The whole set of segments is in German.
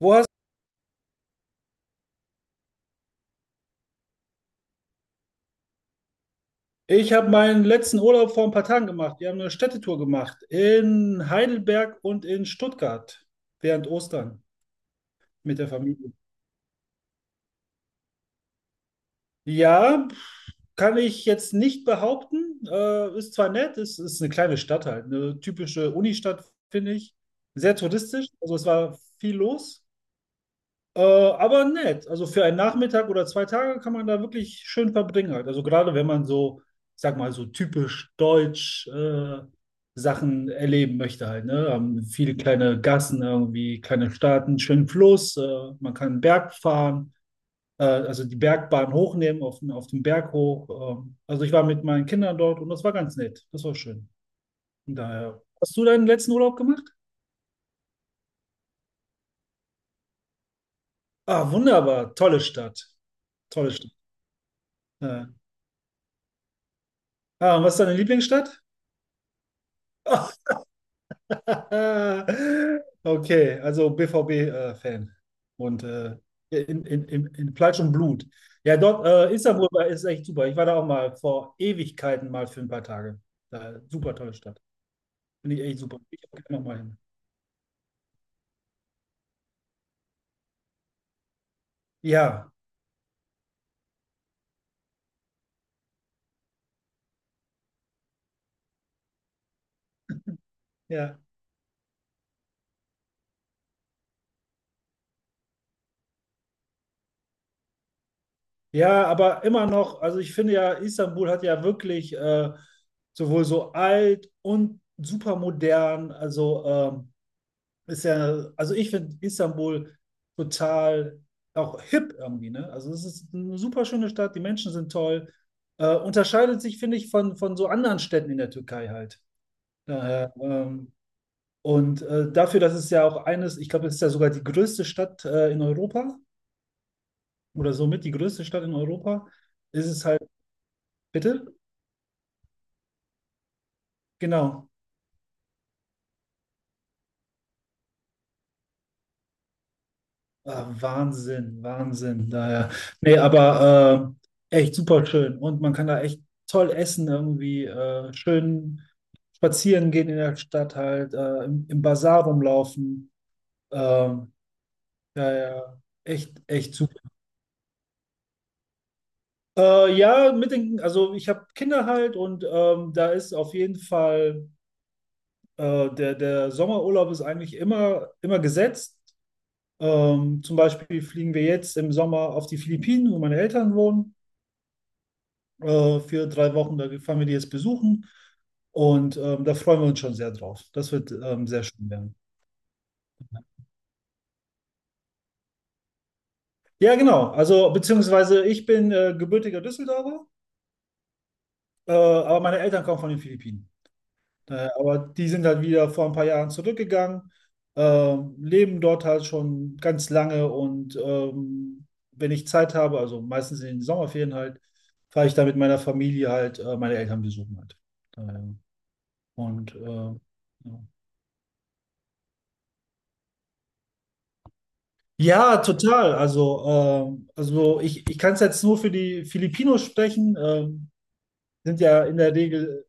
Wo hast Ich habe meinen letzten Urlaub vor ein paar Tagen gemacht. Wir haben eine Städtetour gemacht in Heidelberg und in Stuttgart während Ostern mit der Familie. Ja, kann ich jetzt nicht behaupten. Ist zwar nett, ist eine kleine Stadt halt, eine typische Unistadt, finde ich. Sehr touristisch, also es war viel los. Aber nett. Also für einen Nachmittag oder zwei Tage kann man da wirklich schön verbringen halt. Also gerade wenn man so, ich sag mal, so typisch deutsch Sachen erleben möchte halt, ne? Haben viele kleine Gassen irgendwie, kleine Staaten, schönen Fluss, man kann einen Berg fahren, also die Bergbahn hochnehmen, auf, auf den Berg hoch. Also ich war mit meinen Kindern dort und das war ganz nett. Das war schön. Und daher, hast du deinen letzten Urlaub gemacht? Ah, wunderbar. Tolle Stadt. Tolle Stadt. Ja. Ah, und was ist deine Lieblingsstadt? Okay, also BVB-Fan. Und in Fleisch und Blut. Ja, dort, Istanbul ist echt super. Ich war da auch mal vor Ewigkeiten mal für ein paar Tage. Da, super tolle Stadt. Finde ich echt super. Ich auch gerne noch mal hin. Ja, ja. Ja, aber immer noch, also ich finde ja, Istanbul hat ja wirklich sowohl so alt und super modern. Also ist ja, also ich finde Istanbul total auch hip irgendwie, ne? Also es ist eine super schöne Stadt, die Menschen sind toll. Unterscheidet sich, finde ich, von so anderen Städten in der Türkei halt. Daher, und dafür, dass es ja auch eines, ich glaube, es ist ja sogar die größte Stadt in Europa oder somit die größte Stadt in Europa, ist es halt, bitte? Genau. Ah, Wahnsinn, Wahnsinn. Daher. Nee, aber echt super schön. Und man kann da echt toll essen, irgendwie schön spazieren gehen in der Stadt halt, im Basar rumlaufen. Ähm, ja, ja, echt super. Ja, mit den, also ich habe Kinder halt und da ist auf jeden Fall der Sommerurlaub ist eigentlich immer gesetzt. Zum Beispiel fliegen wir jetzt im Sommer auf die Philippinen, wo meine Eltern wohnen. Für drei Wochen. Da fahren wir die jetzt besuchen und da freuen wir uns schon sehr drauf. Das wird sehr schön werden. Ja, genau. Also, beziehungsweise ich bin gebürtiger Düsseldorfer, aber meine Eltern kommen von den Philippinen. Aber die sind halt wieder vor ein paar Jahren zurückgegangen, leben dort halt schon ganz lange und wenn ich Zeit habe, also meistens in den Sommerferien halt, fahre ich da mit meiner Familie halt meine Eltern besuchen halt. Äh, und äh, ja. Ja, total. Also ich kann es jetzt nur für die Filipinos sprechen. Sind ja in der Regel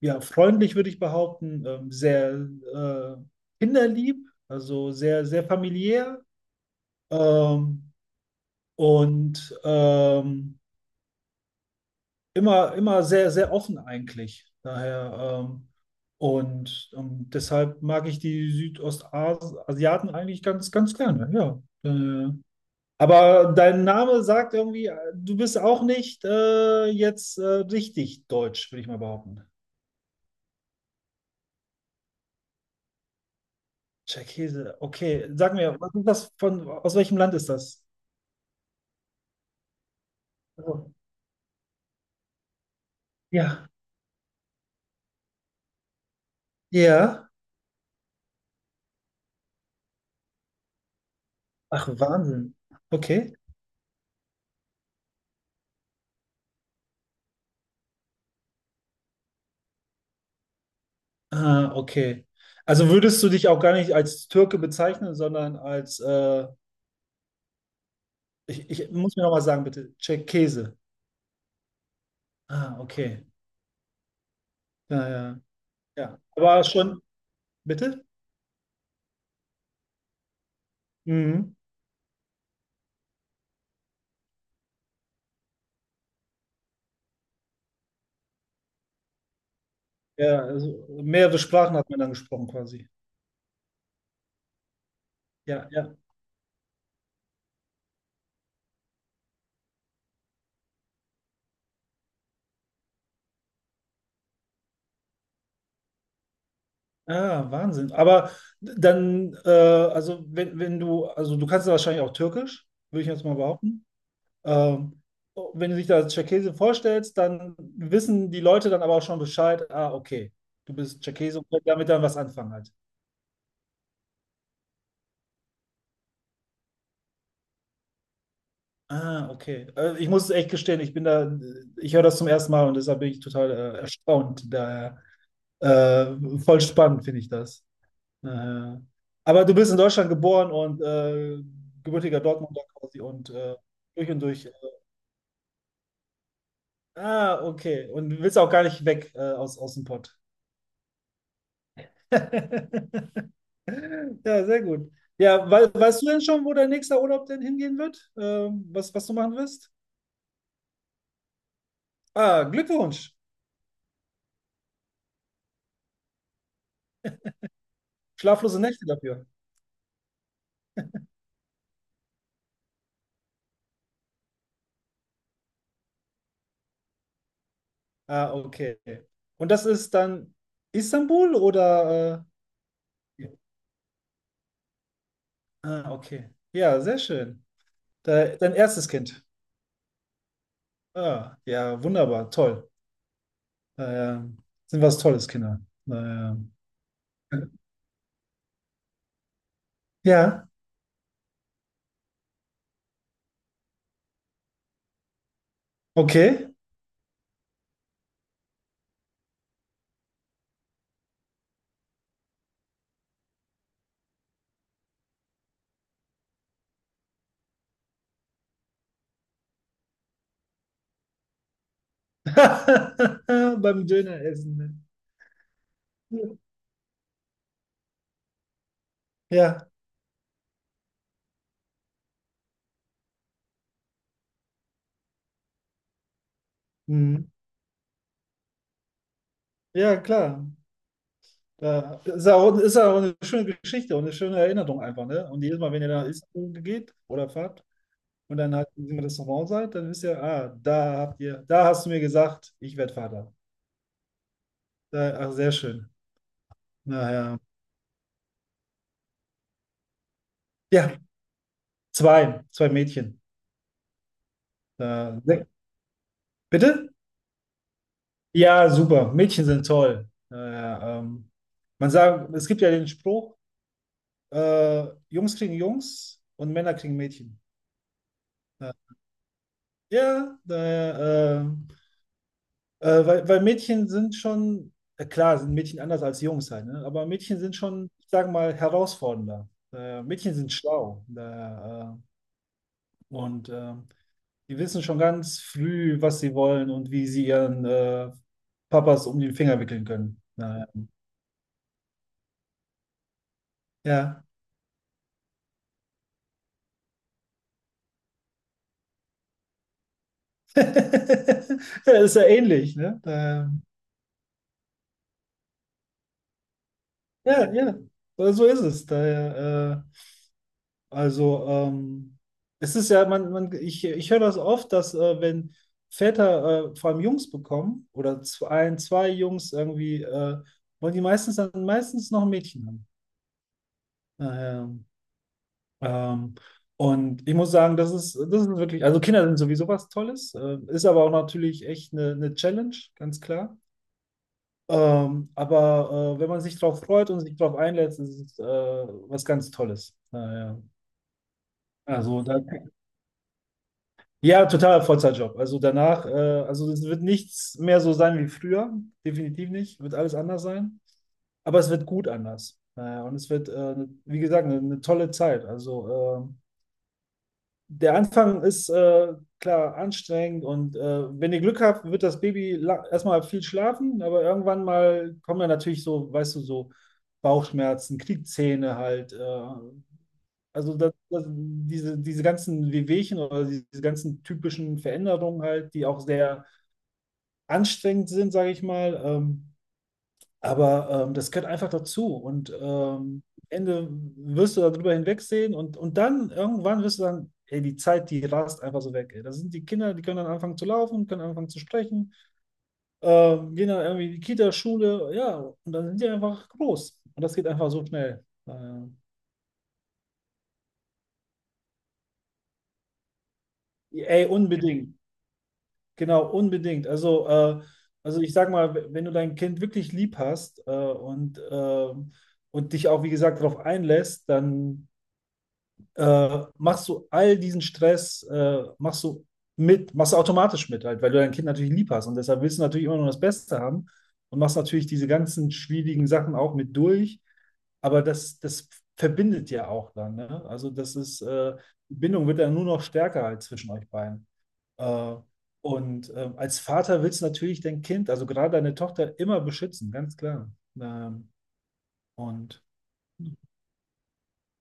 ja freundlich, würde ich behaupten, sehr äh, kinderlieb, also sehr familiär, ähm, und ähm, immer sehr offen eigentlich. Daher deshalb mag ich die Südostasiaten eigentlich ganz gerne. Ja. Äh, Aber dein Name sagt irgendwie, du bist auch nicht jetzt richtig deutsch, würde ich mal behaupten. Tscherkesse, okay. Sag mir, was ist das von, aus welchem Land ist das? Oh. Ja. Ja. Ach, Wahnsinn. Okay. Ah, okay. Also würdest du dich auch gar nicht als Türke bezeichnen, sondern als, ich muss mir nochmal sagen, bitte, Tscherkesse. Ah, okay. Ja, ja. Ja. Aber schon, bitte? Mhm. Ja, also mehrere Sprachen hat man dann gesprochen quasi. Ja, ja. Ah, Wahnsinn. Aber dann, also wenn du, also du kannst ja wahrscheinlich auch Türkisch, würde ich jetzt mal behaupten. Ähm, wenn du dich da als Tscherkesse vorstellst, dann wissen die Leute dann aber auch schon Bescheid, ah, okay, du bist Tscherkesse und können damit dann was anfangen halt. Ah, okay. Ich muss es echt gestehen, ich bin da, ich höre das zum ersten Mal und deshalb bin ich total erstaunt. Daher äh, voll spannend finde ich das. Naja. Aber du bist in Deutschland geboren und gebürtiger Dortmunder quasi und durch und durch. Ah, okay. Und willst auch gar nicht weg aus dem Pott. Ja, sehr gut. Ja, weißt du denn schon, wo dein nächster Urlaub denn hingehen wird? Was du machen wirst? Ah, Glückwunsch. Schlaflose Nächte dafür. Ah, okay. Und das ist dann Istanbul oder? Ja. Ah, okay. Ja, sehr schön. Dein erstes Kind. Ah, ja, wunderbar, toll. Äh, Sind was Tolles, Kinder. Naja. Ja, okay. Beim Döner essen, ne? Ja, mhm. Ja, klar. Da ist ja auch eine schöne Geschichte und eine schöne Erinnerung einfach, ne? Und jedes Mal, wenn ihr nach Istanbul geht oder fahrt und dann halt im Restaurant seid, dann wisst ihr, ah, da habt ihr, da hast du mir gesagt, ich werde Vater. Da, ach, sehr schön. Naja. Ja, zwei, zwei Mädchen. Da, bitte? Ja, super. Mädchen sind toll. Man sagt, es gibt ja den Spruch, Jungs kriegen Jungs und Männer kriegen Mädchen. Ja, ja da, äh, weil Mädchen sind schon, klar, sind Mädchen anders als Jungs halt, ne? Aber Mädchen sind schon, ich sag mal, herausfordernder. Mädchen sind schlau. Da, äh, und äh, die wissen schon ganz früh, was sie wollen und wie sie ihren Papas um den Finger wickeln können. Na, ja. Ja, ist ja ähnlich, ne? Da, ja, ja, so ist es. Daher, also, ähm, es ist ja, ich höre das oft, dass wenn Väter vor allem Jungs bekommen oder ein, zwei Jungs irgendwie, wollen die meistens dann meistens noch ein Mädchen haben. Daher, ähm, und ich muss sagen, das ist wirklich, also Kinder sind sowieso was Tolles, ist aber auch natürlich echt eine Challenge, ganz klar. Wenn man sich drauf freut und sich drauf einlässt, ist es was ganz Tolles. Naja. Also, da, ja, totaler Vollzeitjob. Also danach, also es wird nichts mehr so sein wie früher. Definitiv nicht. Wird alles anders sein. Aber es wird gut anders. Naja, und es wird, wie gesagt, eine tolle Zeit. Also ähm, der Anfang ist klar anstrengend und wenn ihr Glück habt, wird das Baby erstmal viel schlafen, aber irgendwann mal kommen ja natürlich so, weißt du, so Bauchschmerzen, Kniezähne halt. Also diese ganzen Wehwehchen oder diese ganzen typischen Veränderungen halt, die auch sehr anstrengend sind, sage ich mal. Das gehört einfach dazu. Und am Ende wirst du darüber hinwegsehen und dann irgendwann wirst du sagen, ey, die Zeit, die rast einfach so weg. Ey. Da sind die Kinder, die können dann anfangen zu laufen, können anfangen zu sprechen, gehen dann irgendwie in die Kita, Schule, ja, und dann sind die einfach groß. Und das geht einfach so schnell. Ey, unbedingt. Genau, unbedingt. Also, ich sag mal, wenn du dein Kind wirklich lieb hast und dich auch, wie gesagt, darauf einlässt, dann machst du all diesen Stress, machst du mit, machst du automatisch mit, halt, weil du dein Kind natürlich lieb hast und deshalb willst du natürlich immer nur das Beste haben und machst natürlich diese ganzen schwierigen Sachen auch mit durch, aber das verbindet ja auch dann, ne? Also das ist, die Bindung wird dann nur noch stärker halt zwischen euch beiden. Äh, Als Vater willst du natürlich dein Kind, also gerade deine Tochter, immer beschützen, ganz klar. Ähm, und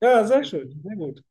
ja, sehr schön, sehr gut.